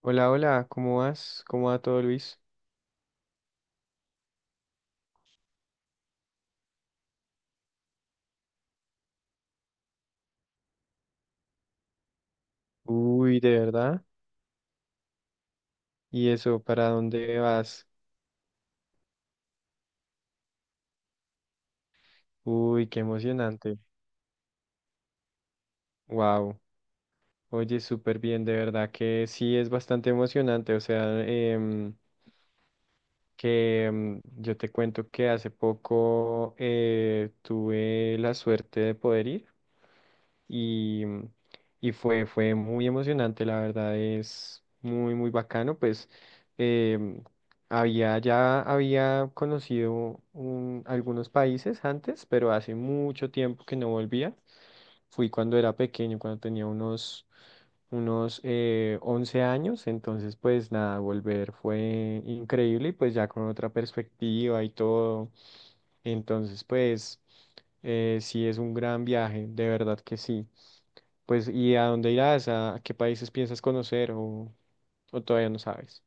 Hola, hola, ¿cómo vas? ¿Cómo va todo, Luis? Uy, ¿de verdad? ¿Y eso para dónde vas? Uy, qué emocionante. Wow. Oye, súper bien, de verdad que sí es bastante emocionante. O sea, que yo te cuento que hace poco tuve la suerte de poder ir. y, y fue muy emocionante, la verdad es muy, muy bacano, pues em, había, ya había conocido algunos países antes, pero hace mucho tiempo que no volvía, fui cuando era pequeño, cuando tenía unos 11 años. Entonces pues nada, volver fue increíble y pues ya con otra perspectiva y todo, entonces pues sí es un gran viaje, de verdad que sí. Pues, ¿y a dónde irás? ¿A qué países piensas conocer, o todavía no sabes?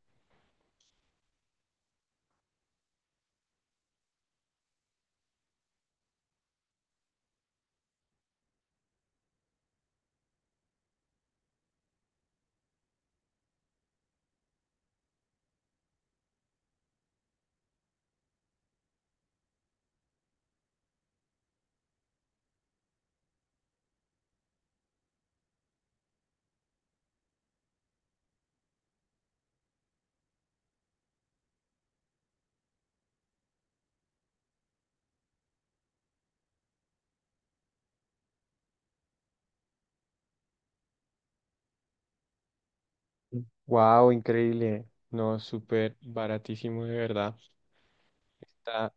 Wow, increíble. No, súper baratísimo, de verdad. Está-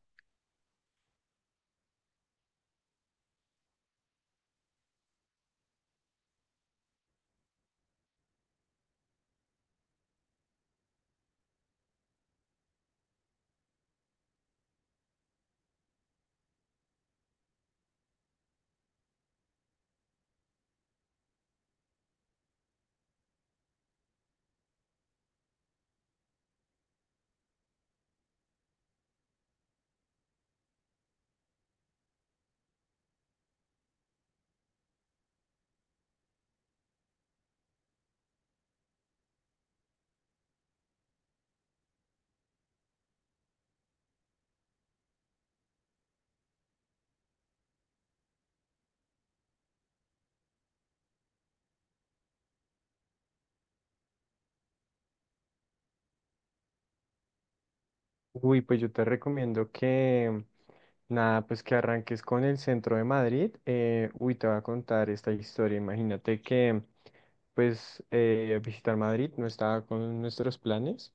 Uy, pues yo te recomiendo que, nada, pues que arranques con el centro de Madrid. Uy, te voy a contar esta historia. Imagínate que, pues, visitar Madrid no estaba con nuestros planes.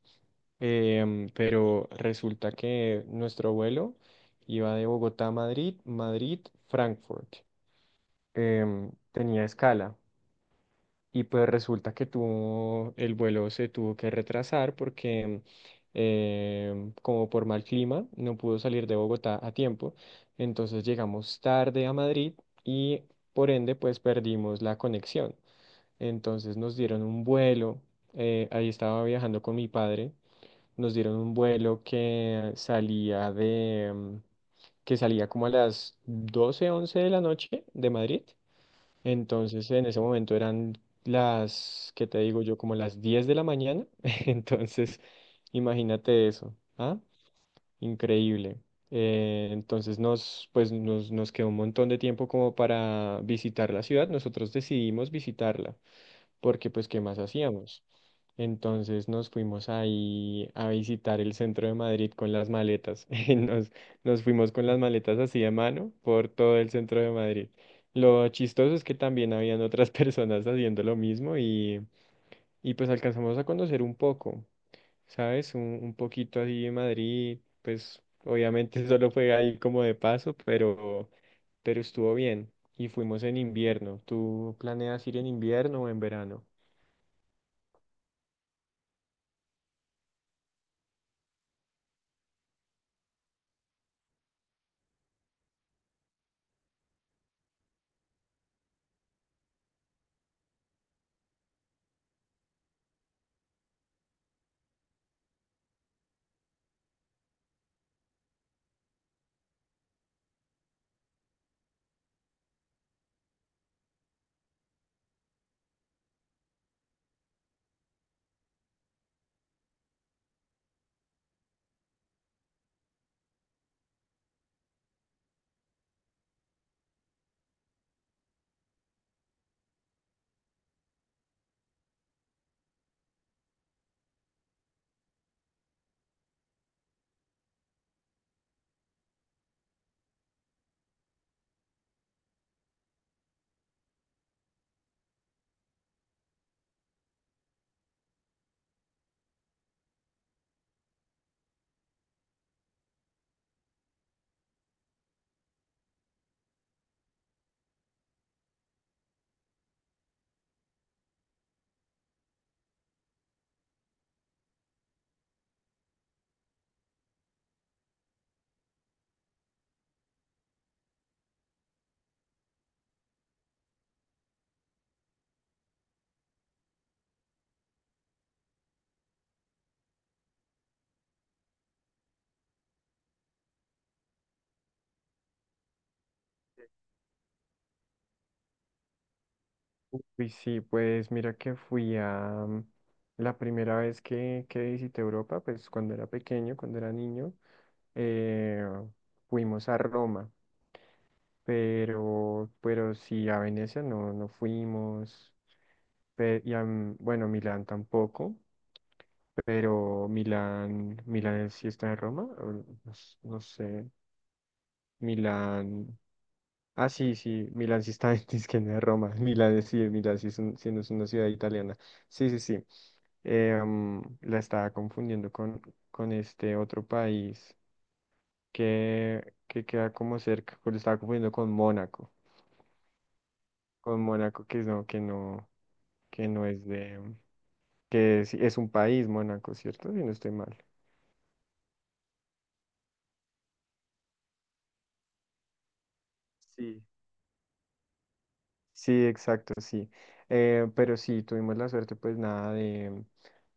Pero resulta que nuestro vuelo iba de Bogotá a Madrid, Frankfurt. Tenía escala. Y pues resulta que el vuelo se tuvo que retrasar porque como por mal clima no pudo salir de Bogotá a tiempo. Entonces llegamos tarde a Madrid y por ende pues perdimos la conexión. Entonces nos dieron un vuelo, ahí estaba viajando con mi padre, nos dieron un vuelo que salía que salía como a las 12 11 de la noche de Madrid. Entonces, en ese momento eran las, ¿qué te digo yo? Como las 10 de la mañana. Entonces, imagínate eso. ¿Ah? Increíble. Entonces nos quedó un montón de tiempo como para visitar la ciudad. Nosotros decidimos visitarla porque pues ¿qué más hacíamos? Entonces nos fuimos ahí a visitar el centro de Madrid con las maletas. Y nos fuimos con las maletas así de mano por todo el centro de Madrid. Lo chistoso es que también habían otras personas haciendo lo mismo, y pues alcanzamos a conocer un poco, ¿sabes? Un poquito así de Madrid, pues obviamente solo fue ahí como de paso, pero estuvo bien. Y fuimos en invierno. ¿Tú planeas ir en invierno o en verano? Uy, sí, pues mira que fui a la primera vez que visité Europa, pues cuando era pequeño, cuando era niño, eh, fuimos a Roma, pero sí a Venecia no, no fuimos, y a, bueno, Milán tampoco, pero Milán sí está en Roma, o no, no sé, Milán, ah sí, sí, Milán sí está en, es que no es Roma, Milán sí es sí no es una ciudad italiana, sí, sí, sí. La estaba confundiendo con este otro país que queda como cerca, estaba confundiendo con Mónaco que no, que no, que no es de, que es un país Mónaco, ¿cierto? Si no estoy mal. Sí. Sí, exacto, sí. Pero sí, tuvimos la suerte, pues nada,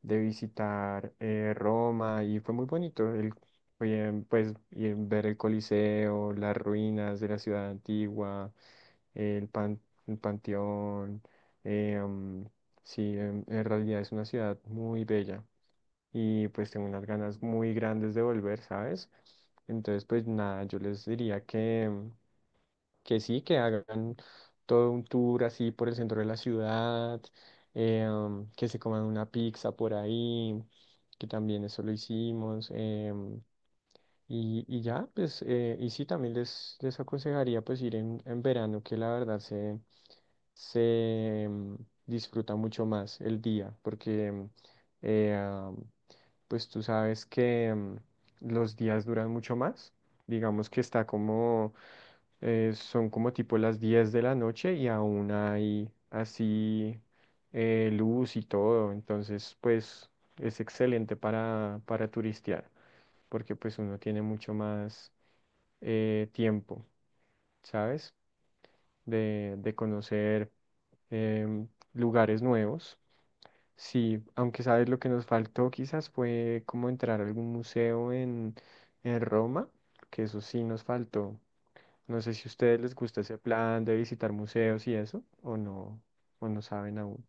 de visitar Roma y fue muy bonito. El, oye, pues y ver el Coliseo, las ruinas de la ciudad antigua, el, pan- el Panteón. eh, mm, sí, en realidad es una ciudad muy bella y pues tengo unas ganas muy grandes de volver, ¿sabes? Entonces, pues nada, yo les diría que sí, que hagan todo un tour así por el centro de la ciudad, que se coman una pizza por ahí, que también eso lo hicimos. Y, y ya, pues, y sí, también les aconsejaría pues ir en verano, que la verdad se mm, disfruta mucho más el día, porque eh, ah, pues tú sabes que los días duran mucho más, digamos que está como, son como tipo las 10 de la noche y aún hay así luz y todo, entonces pues es excelente para turistear porque pues uno tiene mucho más tiempo, ¿sabes? De conocer em, lugares nuevos. Sí, aunque sabes lo que nos faltó quizás fue como entrar a algún museo en Roma, que eso sí nos faltó. No sé si a ustedes les gusta ese plan de visitar museos y eso, o no saben aún.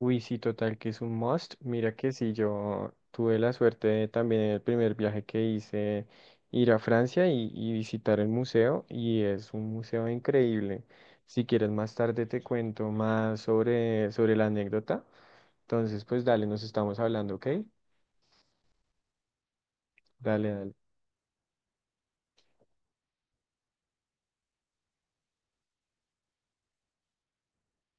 Uy, sí, total, que es un must. Mira que sí, yo tuve la suerte de también en el primer viaje que hice ir a Francia y visitar el museo, y es un museo increíble. Si quieres más tarde te cuento más sobre, sobre la anécdota. Entonces, pues dale, nos estamos hablando, ¿ok? Dale, dale.